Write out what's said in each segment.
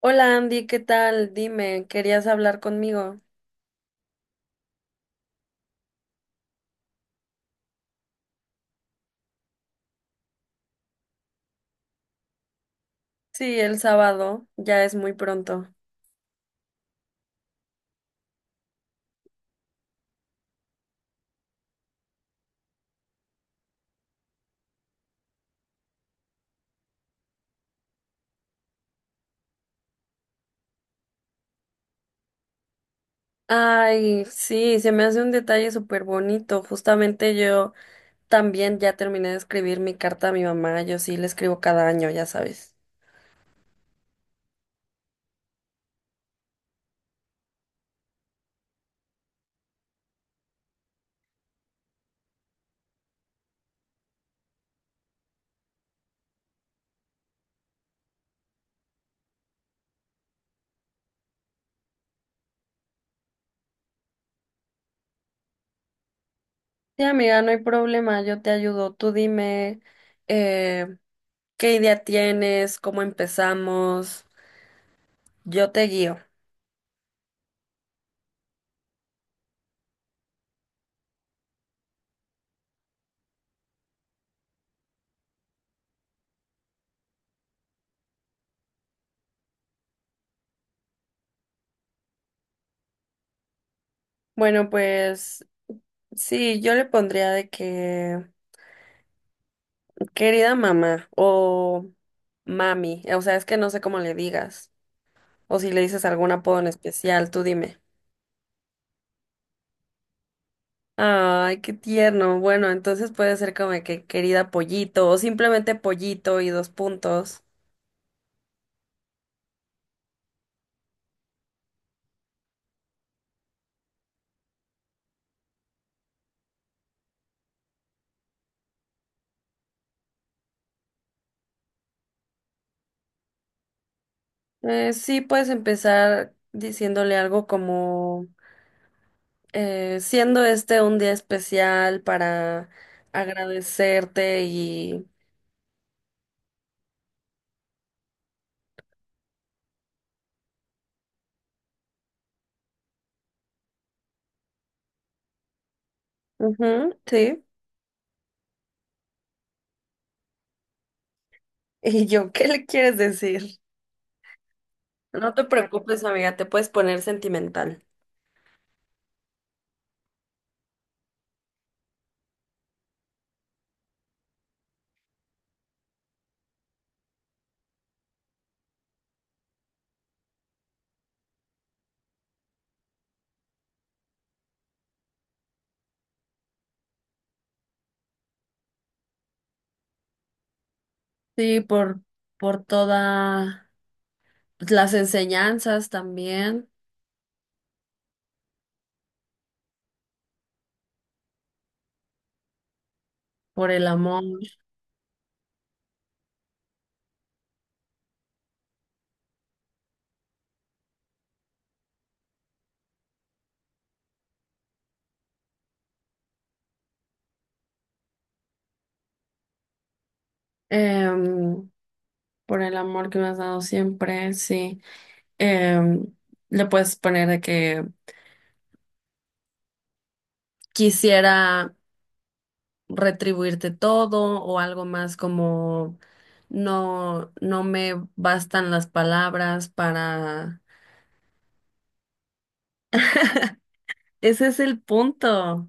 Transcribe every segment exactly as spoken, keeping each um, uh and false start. Hola Andy, ¿qué tal? Dime, ¿querías hablar conmigo? Sí, el sábado, ya es muy pronto. Ay, sí, se me hace un detalle súper bonito. Justamente yo también ya terminé de escribir mi carta a mi mamá. Yo sí le escribo cada año, ya sabes. Sí, amiga, no hay problema, yo te ayudo. Tú dime, eh, ¿qué idea tienes? ¿Cómo empezamos? Yo te guío. Bueno, pues sí, yo le pondría de que querida mamá o mami, o sea, es que no sé cómo le digas, o si le dices algún apodo en especial, tú dime. Ay, qué tierno. Bueno, entonces puede ser como de que querida pollito o simplemente pollito y dos puntos. Eh, sí, puedes empezar diciéndole algo como eh, siendo este un día especial para agradecerte y... Ujú, sí. ¿Y yo qué le quieres decir? No te preocupes, amiga, te puedes poner sentimental. Sí, por, por todas las enseñanzas también, por el amor, em, por el amor que me has dado siempre, sí. Em, Le puedes poner de que quisiera retribuirte todo o algo más como no, no me bastan las palabras para... Ese es el punto.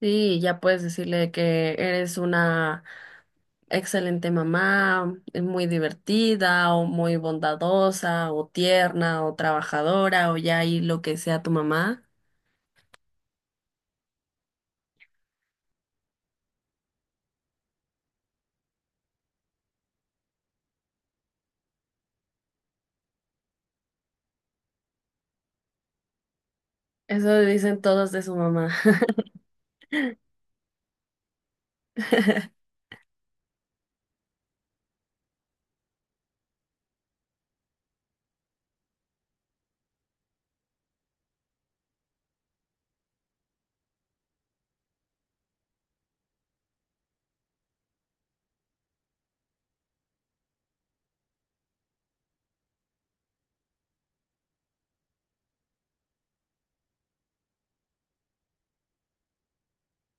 Sí, ya puedes decirle que eres una excelente mamá, eh, muy divertida o muy bondadosa o tierna o trabajadora o ya ahí lo que sea tu mamá. Eso dicen todos de su mamá.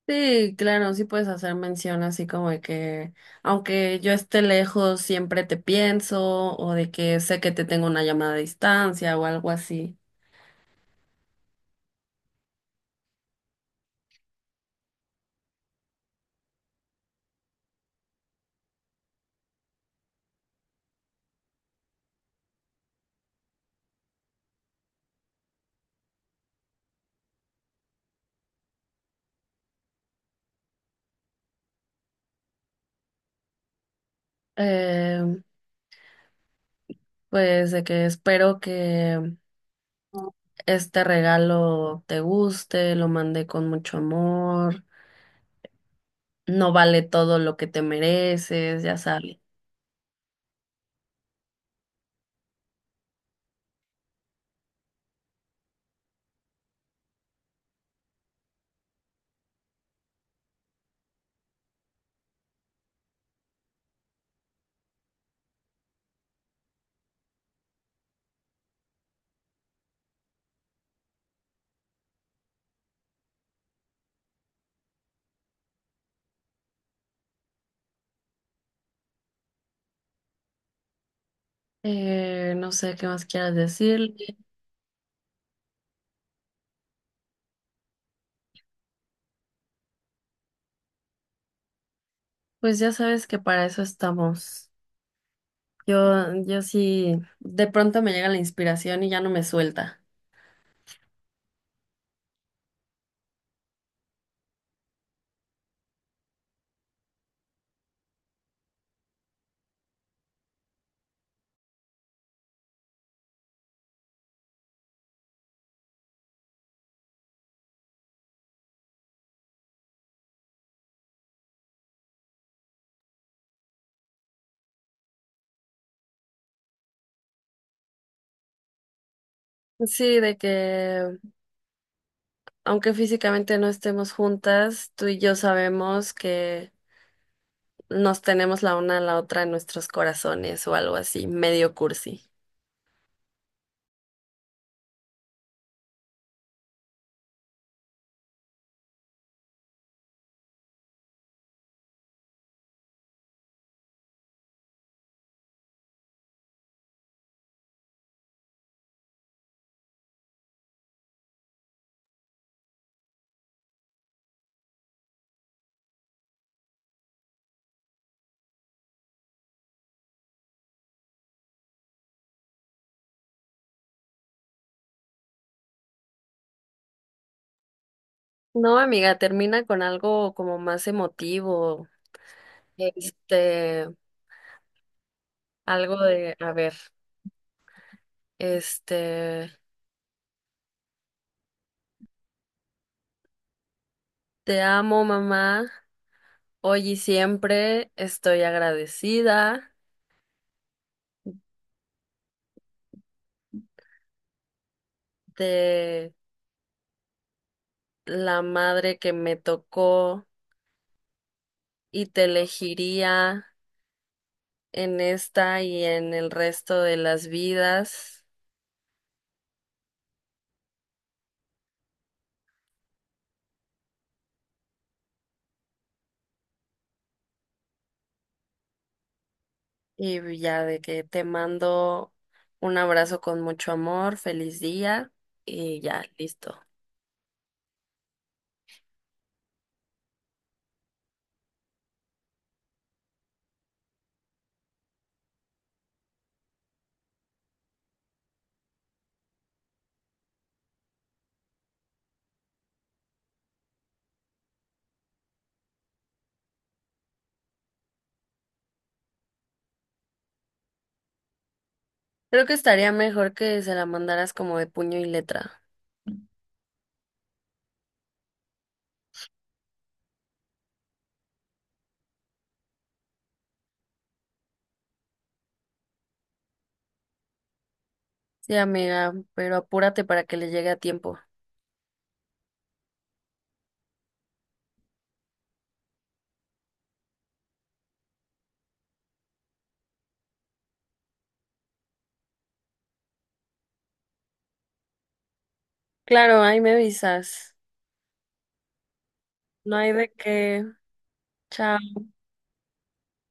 Sí, claro, sí puedes hacer mención así como de que aunque yo esté lejos, siempre te pienso o de que sé que te tengo una llamada a distancia o algo así. Em, Pues de que espero que este regalo te guste, lo mandé con mucho amor, no vale todo lo que te mereces, ya sabes. Eh, no sé qué más quieras decirle. Pues ya sabes que para eso estamos. Yo, yo sí, de pronto me llega la inspiración y ya no me suelta. Sí, de que aunque físicamente no estemos juntas, tú y yo sabemos que nos tenemos la una a la otra en nuestros corazones o algo así, medio cursi. No, amiga, termina con algo como más emotivo. Eh, este, algo de, a ver, este, te amo, mamá, hoy y siempre estoy agradecida de la madre que me tocó y te elegiría en esta y en el resto de las vidas. Y ya de que te mando un abrazo con mucho amor, feliz día y ya, listo. Creo que estaría mejor que se la mandaras como de puño y letra. Sí, amiga, pero apúrate para que le llegue a tiempo. Claro, ahí me avisas. No hay de qué. Chao.